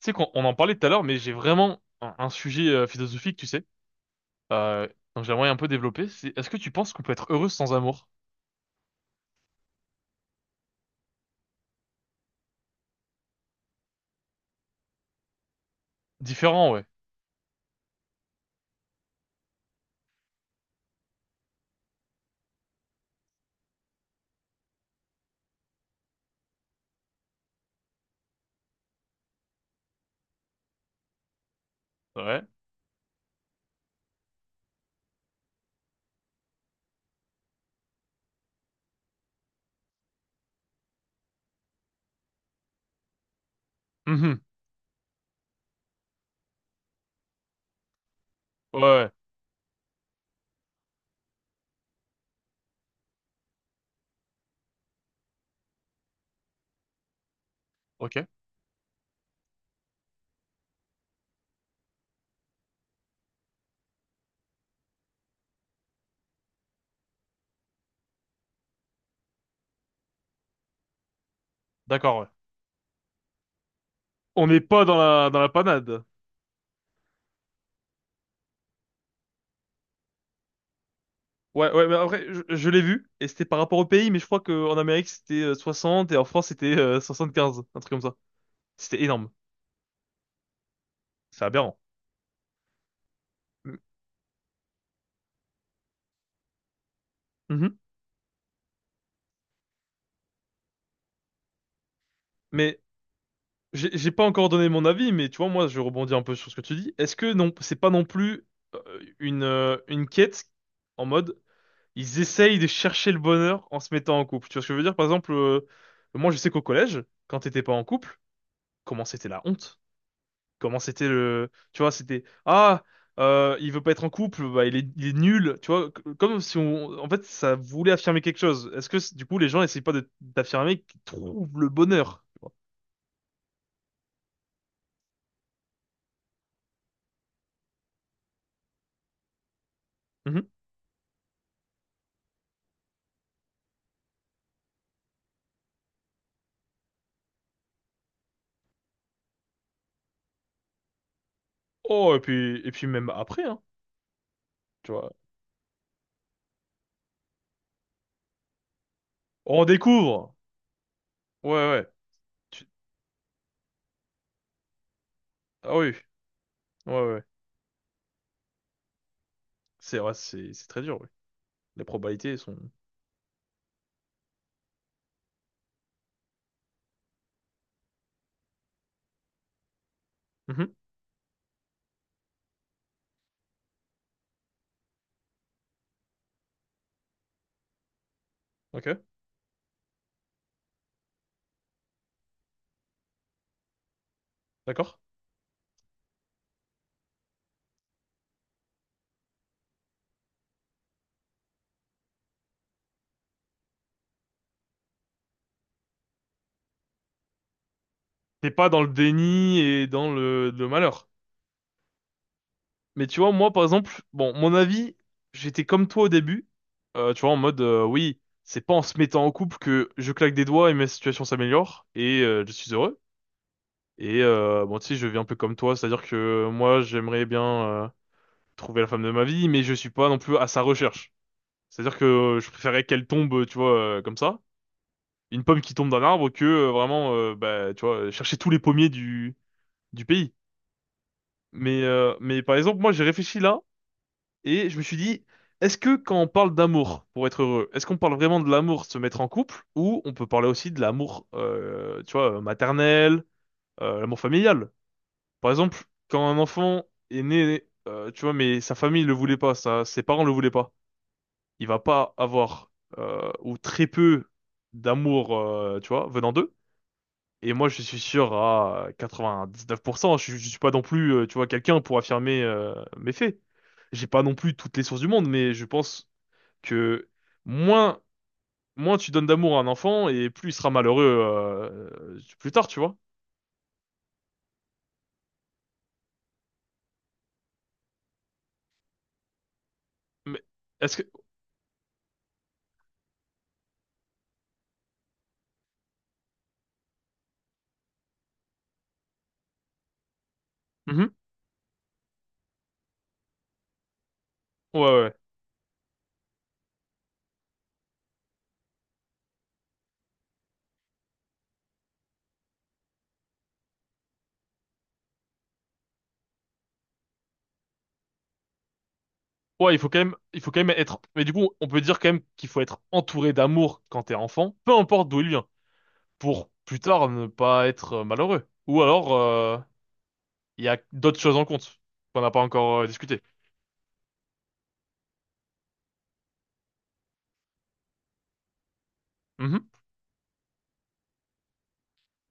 Tu sais qu'on on en parlait tout à l'heure, mais j'ai vraiment un sujet philosophique, tu sais. Euh, donc j'aimerais un peu développer. Est-ce que tu penses qu'on peut être heureux sans amour? Différent, ouais. Ouais. Mhm. Ouais, ouais. Ok. D'accord, ouais. On n'est pas dans dans la panade. Ouais, ouais, mais après, je l'ai vu, et c'était par rapport au pays, mais je crois qu'en Amérique, c'était 60, et en France, c'était 75, un truc comme ça. C'était énorme. C'est aberrant. M- Mhm. Mais j'ai pas encore donné mon avis, mais tu vois, moi, je rebondis un peu sur ce que tu dis. Est-ce que non, c'est pas non plus euh, une quête en mode ils essayent de chercher le bonheur en se mettant en couple. Tu vois ce que je veux dire? Par exemple, moi, je sais qu'au collège, quand t'étais pas en couple, comment c'était la honte? Comment c'était le, tu vois, c'était ah, il veut pas être en couple, bah il est nul. Tu vois, comme si on, en fait, ça voulait affirmer quelque chose. Est-ce que du coup, les gens essayent pas d'affirmer qu'ils trouvent le bonheur? Tu vois. Mhm. Oh, et puis même après, hein. Tu vois. On découvre! Ouais, ouais. Tu- Ah oui, ouais, ouais. C'est ouais, c'est très dur, oui. Les probabilités sont… Mhm. Ok, d'accord. T'es pas dans le déni et dans le malheur. Mais tu vois, moi, par exemple, bon, mon avis, j'étais comme toi au début. Tu vois, en mode, oui, c'est pas en se mettant en couple que je claque des doigts et ma situation s'améliore et je suis heureux. Et bon, tu sais, je vis un peu comme toi, c'est-à-dire que moi, j'aimerais bien trouver la femme de ma vie, mais je suis pas non plus à sa recherche. C'est-à-dire que je préférais qu'elle tombe, tu vois, comme ça, une pomme qui tombe d'un arbre, que vraiment, bah, tu vois, chercher tous les pommiers du pays. Mais par exemple, moi, j'ai réfléchi là, et je me suis dit, est-ce que quand on parle d'amour, pour être heureux, est-ce qu'on parle vraiment de l'amour de se mettre en couple, ou on peut parler aussi de l'amour, tu vois, maternel, l'amour familial? Par exemple, quand un enfant est né, tu vois, mais sa famille le voulait pas, ça, ses parents le voulaient pas. Il va pas avoir ou très peu d'amour, tu vois, venant d'eux. Et moi, je suis sûr à 99%. Je suis pas non plus, tu vois, quelqu'un pour affirmer mes faits. J'ai pas non plus toutes les sources du monde, mais je pense que moins, moins tu donnes d'amour à un enfant et plus il sera malheureux plus tard, tu vois. Mais est-ce que Mhm. Ouais, ouais. Ouais, ouais, il faut quand même, il faut quand même être. Mais du coup, on peut dire quand même qu'il faut être entouré d'amour quand t'es enfant, peu importe d'où il vient. Pour plus tard ne pas être malheureux. Ou alors, il y a d'autres choses en compte qu'on n'a pas encore discuté. Mhm.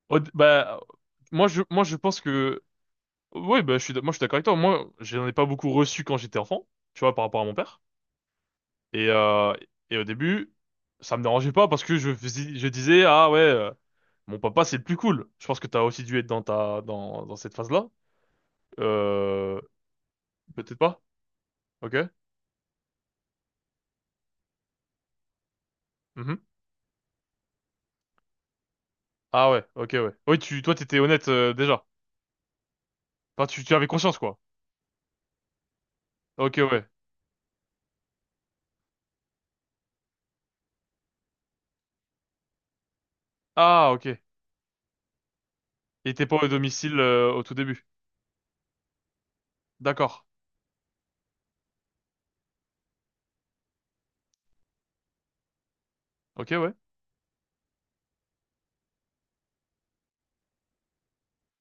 Bah, moi je pense que, oui, bah, je suis, moi je suis d'accord avec toi. Moi, j'en ai pas beaucoup reçu quand j'étais enfant, tu vois, par rapport à mon père. Et, euh, et au début, ça me dérangeait pas parce que je, je disais, ah ouais, mon papa c'est le plus cool. Je pense que t'as aussi dû être dans ta, dans cette phase-là. Euh, peut-être pas. Ok. Mhm. Ah ouais, ok, ouais. Oui, toi, t'étais honnête déjà. Enfin, tu avais conscience, quoi. Ok, ouais. Ah, ok. Il était pas au domicile au tout début. D'accord. Ok, ouais.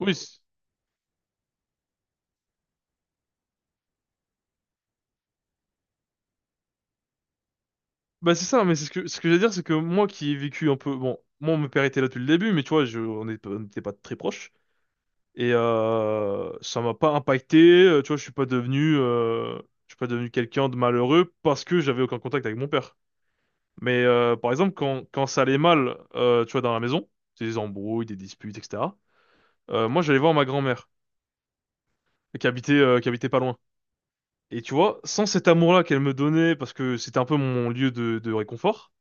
Oui. Bah c'est ça, mais c'est ce que je veux dire, c'est que moi qui ai vécu un peu, bon, moi mon père était là depuis le début, mais tu vois, je, on n'était pas très proches et ça m'a pas impacté. Tu vois, je suis pas devenu, je suis pas devenu quelqu'un de malheureux parce que j'avais aucun contact avec mon père. Mais par exemple, quand quand ça allait mal, tu vois, dans la maison, des embrouilles, des disputes, etc. Moi, j'allais voir ma grand-mère qui habitait pas loin. Et tu vois, sans cet amour-là qu'elle me donnait, parce que c'était un peu mon lieu de réconfort,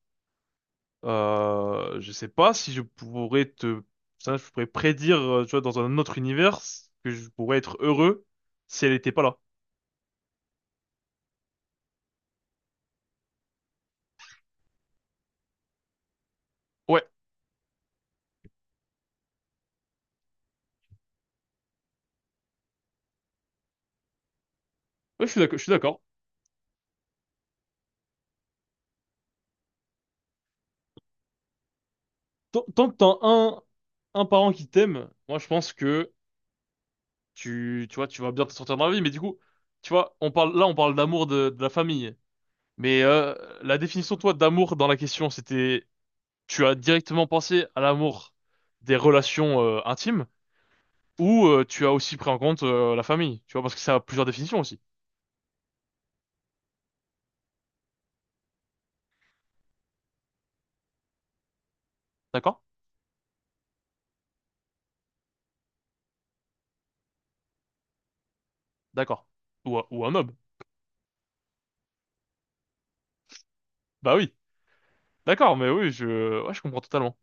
je sais pas si je pourrais te, ça, je pourrais prédire, tu vois, dans un autre univers que je pourrais être heureux si elle était pas là. Ouais, ouais, je suis d'accord, je suis d'accord. Tant que t'as un parent qui t'aime, moi je pense que tu vois, tu vas bien te sortir dans la vie. Mais du coup, tu vois, on parle, là on parle d'amour de la famille. Mais la définition, toi, d'amour dans la question, c'était tu as directement pensé à l'amour des relations intimes ou tu as aussi pris en compte la famille, tu vois, parce que ça a plusieurs définitions aussi. D'accord? D'accord. Ou, ou un homme. Bah oui. D'accord, mais oui, je, ouais, je comprends totalement.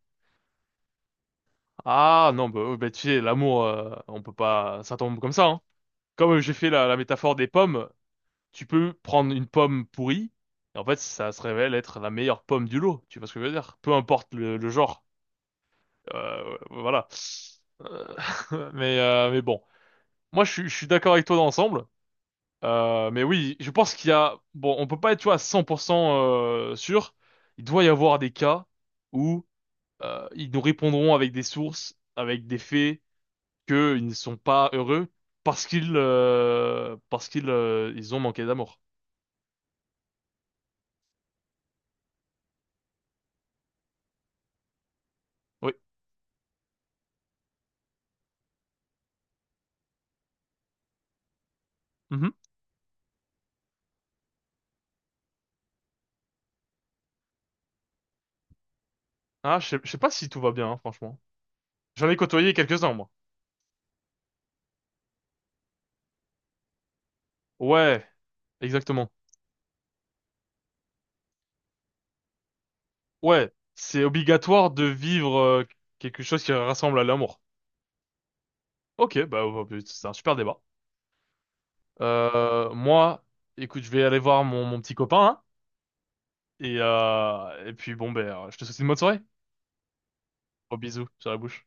Ah non, bah, oui, bah, tu sais, l'amour, on peut pas, ça tombe comme ça. Hein. Comme j'ai fait la, la métaphore des pommes, tu peux prendre une pomme pourrie, et en fait, ça se révèle être la meilleure pomme du lot. Tu vois ce que je veux dire? Peu importe le genre. Voilà. Euh, mais bon. Moi, je suis d'accord avec toi dans l'ensemble. Mais oui, je pense qu'il y a… Bon, on peut pas être, tu vois, à 100% sûr. Il doit y avoir des cas où ils nous répondront avec des sources, avec des faits, qu'ils ne sont pas heureux parce qu'ils ils ont manqué d'amour. Oui. Mhm. Ah, je sais pas si tout va bien, hein, franchement. J'en ai côtoyé quelques-uns, moi. Ouais, exactement. Ouais, c'est obligatoire de vivre quelque chose qui rassemble à l'amour. Ok, bah, bah, c'est un super débat. Moi, écoute, je vais aller voir mon, mon petit copain, hein, et puis bon, ben, je te souhaite une bonne soirée. Gros bisous sur la bouche.